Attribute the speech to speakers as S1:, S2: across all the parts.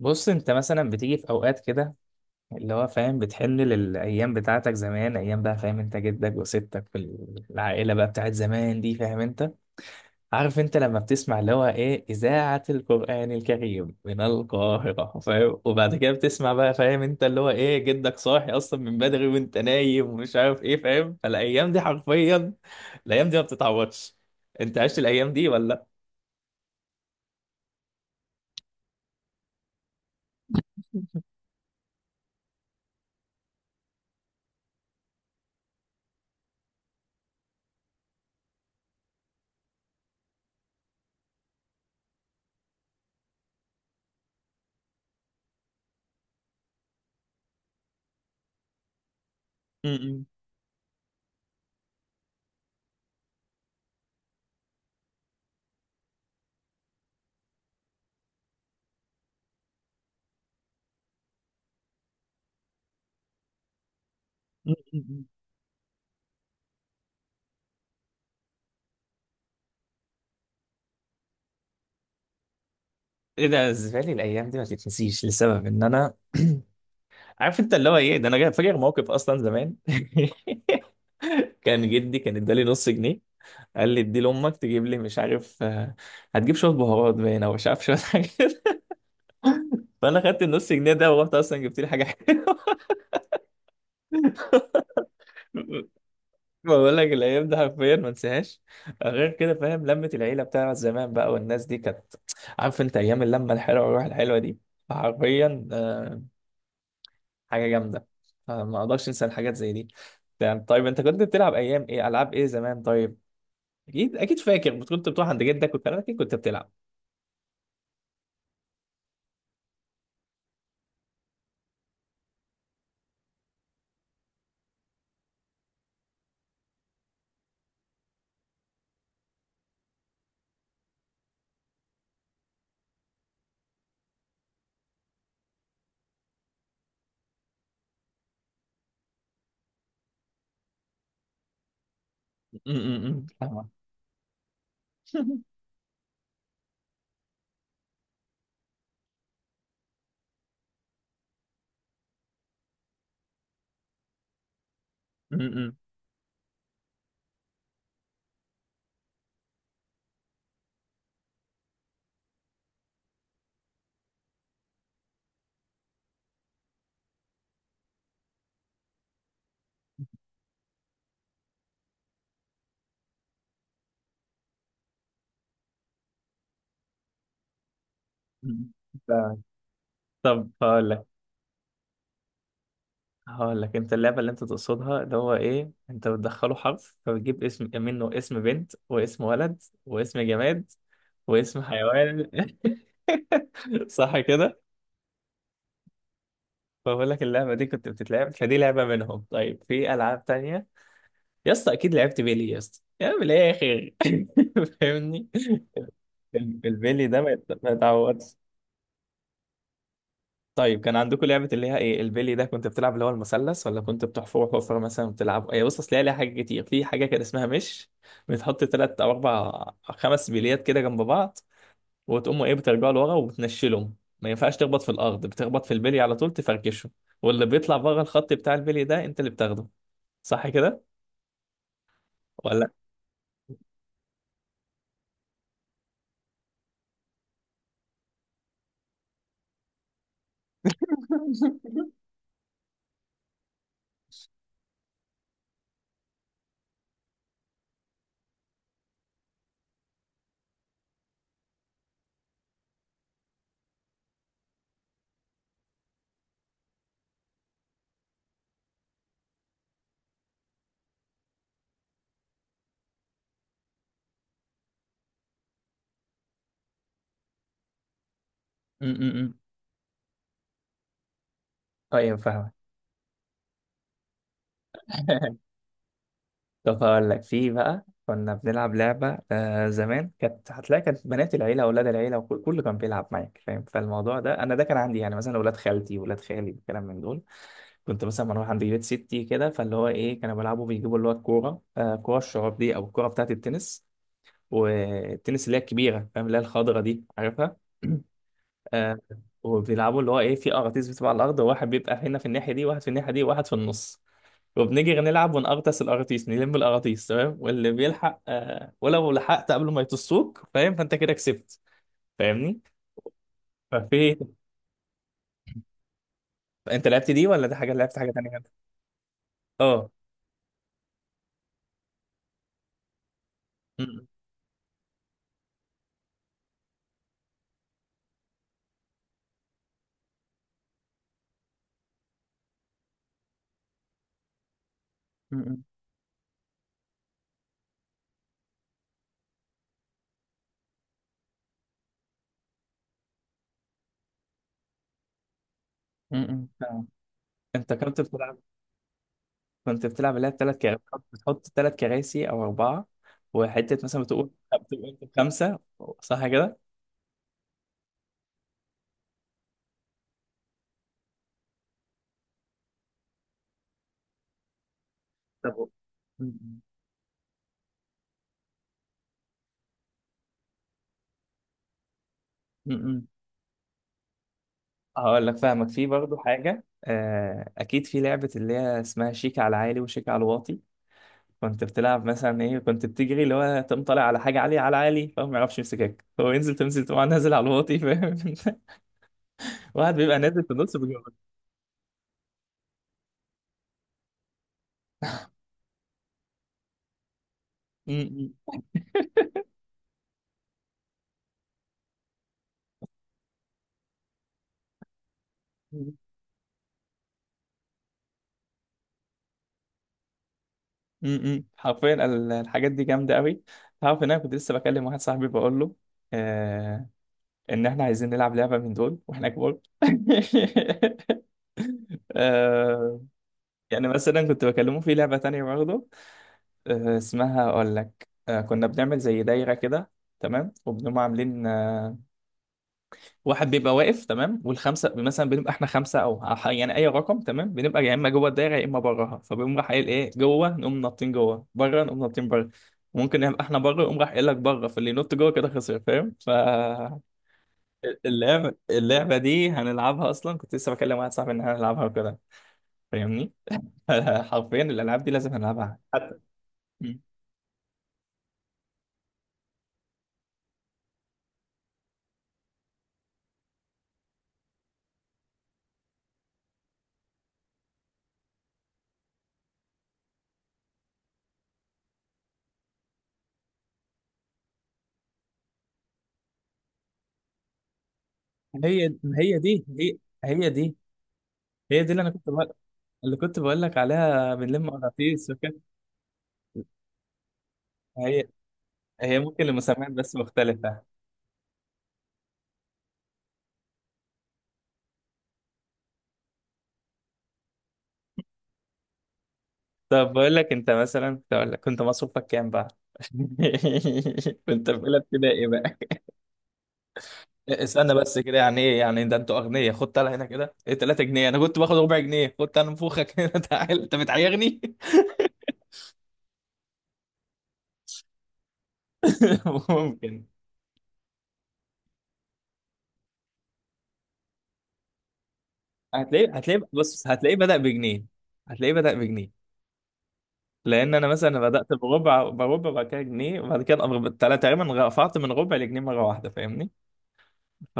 S1: بص انت مثلا بتيجي في اوقات كده اللي هو فاهم، بتحن للايام بتاعتك زمان، ايام بقى فاهم، انت جدك وستك في العائله بقى بتاعت زمان دي، فاهم انت؟ عارف انت لما بتسمع اللي هو ايه اذاعه القران الكريم من القاهره فاهم؟ وبعد كده بتسمع بقى فاهم انت اللي هو ايه، جدك صاحي اصلا من بدري وانت نايم ومش عارف ايه فاهم؟ فالايام دي حرفيا الايام دي ما بتتعوضش. انت عشت الايام دي ولا؟ م- م- م- م- م. ايه ده؟ بالنسبه لي الايام دي ما تتنسيش لسبب ان انا عارف انت اللي هو ايه، ده انا فاكر موقف اصلا زمان كان جدي كان ادالي نص جنيه، قال لي ادي لامك تجيب لي مش عارف آه، هتجيب شويه بهارات باين او مش عارف شويه حاجه كده. فانا خدت النص جنيه ده ورحت اصلا جبت لي حاجه حلوه. بقول لك الايام دي حرفيا ما انساهاش. غير كده فاهم، لمه العيله بتاعت زمان بقى والناس دي كانت عارف انت، ايام اللمه الحلوه والروح الحلوه دي حرفيا آه، حاجه جامده. آه، ما اقدرش انسى الحاجات زي دي. يعني طيب انت كنت بتلعب ايام ايه؟ العاب ايه زمان طيب؟ اكيد اكيد فاكر كنت بتروح عند جدك وكان اكيد كنت بتلعب. فاهمة. فاهمة. م. م- م. فاهمة. طب هقول لك هقول لك، انت اللعبه اللي انت تقصدها اللي هو ايه، انت بتدخله حرف فبتجيب اسم منه، اسم بنت واسم ولد واسم جماد واسم حيوان. صح كده؟ فبقول لك اللعبه دي كنت بتتلعب، فدي لعبه منهم. طيب في العاب تانية يا اسطى؟ اكيد لعبت بيلي يا اسطى، يا من الاخر فاهمني؟ البيلي ده ما يتعوضش. طيب كان عندكم لعبة اللي هي ايه، البيلي ده كنت بتلعب اللي هو المثلث، ولا كنت بتحفر حفرة مثلا؟ بتلعب ايه؟ بص اصل هي ليها حاجات كتير. في حاجة كان اسمها مش بتحط تلات او اربع خمس بليات كده جنب بعض، وتقوموا ايه، بترجعوا لورا وبتنشلهم. ما ينفعش تخبط في الارض، بتخبط في البلي على طول تفركشه، واللي بيطلع بره الخط بتاع البلي ده انت اللي بتاخده. صح كده ولا؟ م -م -م. طيب فاهمك. طب هقول لك، في بقى كنا بنلعب لعبة آه زمان، كانت هتلاقي كانت بنات العيلة، أولاد العيلة، وكل كله كان بيلعب معاك فاهم؟ فالموضوع ده أنا ده كان عندي يعني مثلا أولاد خالتي، ولاد خالي، الكلام من دول. كنت مثلا بروح عند بيت ستي كده، فاللي هو إيه، كانوا بيلعبوا بيجيبوا اللي هو الكورة آه، كورة الشراب دي أو الكورة بتاعة التنس، والتنس اللي هي الكبيرة فاهم، اللي هي الخضرة دي، عارفها؟ آه. وبيلعبوا اللي هو إيه، في أراضيز بتبقى على الأرض، وواحد بيبقى هنا في الناحية دي، واحد في الناحية دي، واحد في النص. وبنيجي نلعب ونقرطس القراطيس، نلم القراطيس تمام، واللي بيلحق آه، ولو لحقت قبل ما يطسوك فاهم، فانت كده كسبت. فاهمني؟ ففي، انت لعبت دي ولا دي، حاجه لعبت حاجه تانية كده؟ اه. م- م- م- م- م. انت كنت بتلعب، كنت بتلعب اللي هي بثلاث كراسي، بتحط ثلاث كراسي او اربعه، وحته مثلا بتقول، بتقول خمسه. صح كده؟ طب م- م- م. هقول لك، فاهمك في برضو حاجة آه، أكيد في لعبة اللي هي اسمها شيك على عالي وشيك على واطي. كنت بتلعب مثلا ايه، كنت بتجري اللي هو تقوم طالع على حاجه عاليه، على عالي فهو ما يعرفش يمسكك، هو ينزل تنزل تقوم نازل على الواطي فاهم واحد بيبقى نازل في النص بيجري. م- م- م- م. حرفيا الحاجات دي جامده قوي. تعرف ان انا كنت لسه بكلم واحد صاحبي بقول له آه، ان احنا عايزين نلعب لعبه من دول واحنا كبار آه يعني مثلا كنت بكلمه في لعبه تانية برضه آه، اسمها اقول لك آه، كنا بنعمل زي دايره كده تمام، وبنقوم عاملين آه، واحد بيبقى واقف تمام، والخمسه مثلا بنبقى احنا خمسه او يعني اي رقم تمام، بنبقى يا اما جوه الدايره يا اما براها. فبيقوم راح قايل ايه، جوه نقوم نطين جوه، بره نقوم نطين بره. ممكن نبقى احنا بره يقوم راح قايل لك بره، فاللي ينط جوه كده خسر فاهم؟ ف اللعبه دي هنلعبها اصلا. كنت لسه بكلم واحد صاحبي ان احنا هنلعبها وكده، فاهمني؟ حرفيا الالعاب دي لازم هنلعبها حتى. مم. هي هي دي، هي دي هي دي اللي انا كنت بقول، اللي كنت بقول لك عليها بنلم مغناطيس وكده. هي هي ممكن لمسميات بس مختلفة. طب بقول لك، انت مثلا كنت اقول لك، كنت مصروفك كام بقى؟ كنت في اولى ابتدائي بقى. استنى بس كده، يعني ايه يعني، ده انتوا اغنياء! خد تعالى هنا كده، ايه 3 جنيه؟ انا كنت باخد ربع جنيه، خد تعالى نفوخك هنا تعال انت بتعيرني! ممكن. هتلاقيه هتلاقيه بص، هتلاقيه بدأ بجنيه، هتلاقيه بدأ بجنيه. لان انا مثلا بدأت بربع، بربع بعد كده جنيه، وبعد كده تقريبا رفعت من ربع لجنيه مرة واحدة، فاهمني؟ ف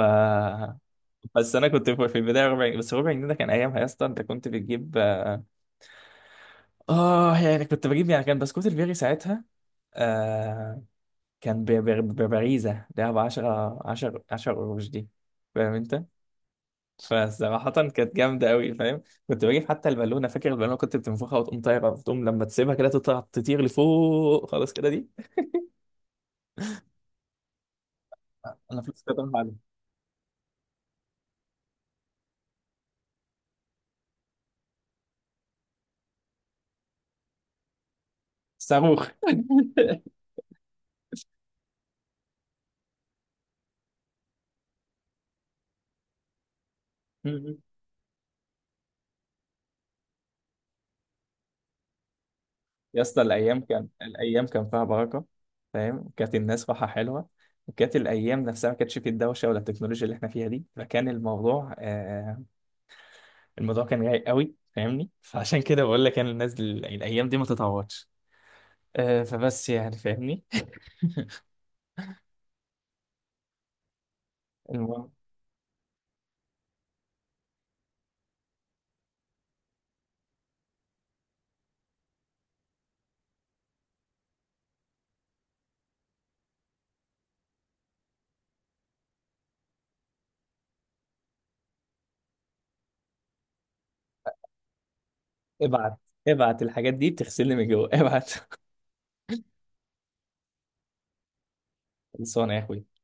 S1: بس انا كنت في البدايه ربع جنيه بس، ربع جنيه ده كان ايامها يا اسطى انت كنت بتجيب اه آه، يعني كنت بجيب يعني، كان بسكوت البيري ساعتها آه، كان ببريزه، ده ب 10 قروش دي فاهم انت؟ فصراحه كانت جامده قوي فاهم. كنت بجيب حتى البالونه، فاكر البالونه؟ كنت بتنفخها وتقوم طايره، وتقوم لما تسيبها كده تطلع تطير لفوق خلاص كده دي. انا فلوس كده راحت عليا. صاروخ. يا اسطى الايام، كان الايام كان فيها بركه فاهم، كانت الناس راحه حلوه. وكانت الايام نفسها ما كانتش فيه الدوشه ولا التكنولوجيا اللي احنا فيها دي، فكان الموضوع آه، الموضوع كان رايق قوي فاهمني؟ فعشان كده بقول لك انا، الناس دل... الايام دي ما تتعوضش، آه. فبس يعني، فاهمني؟ المهم، ابعت، ابعت الحاجات دي بتغسلني من جوه، ابعت. خلصانه يا اخوي.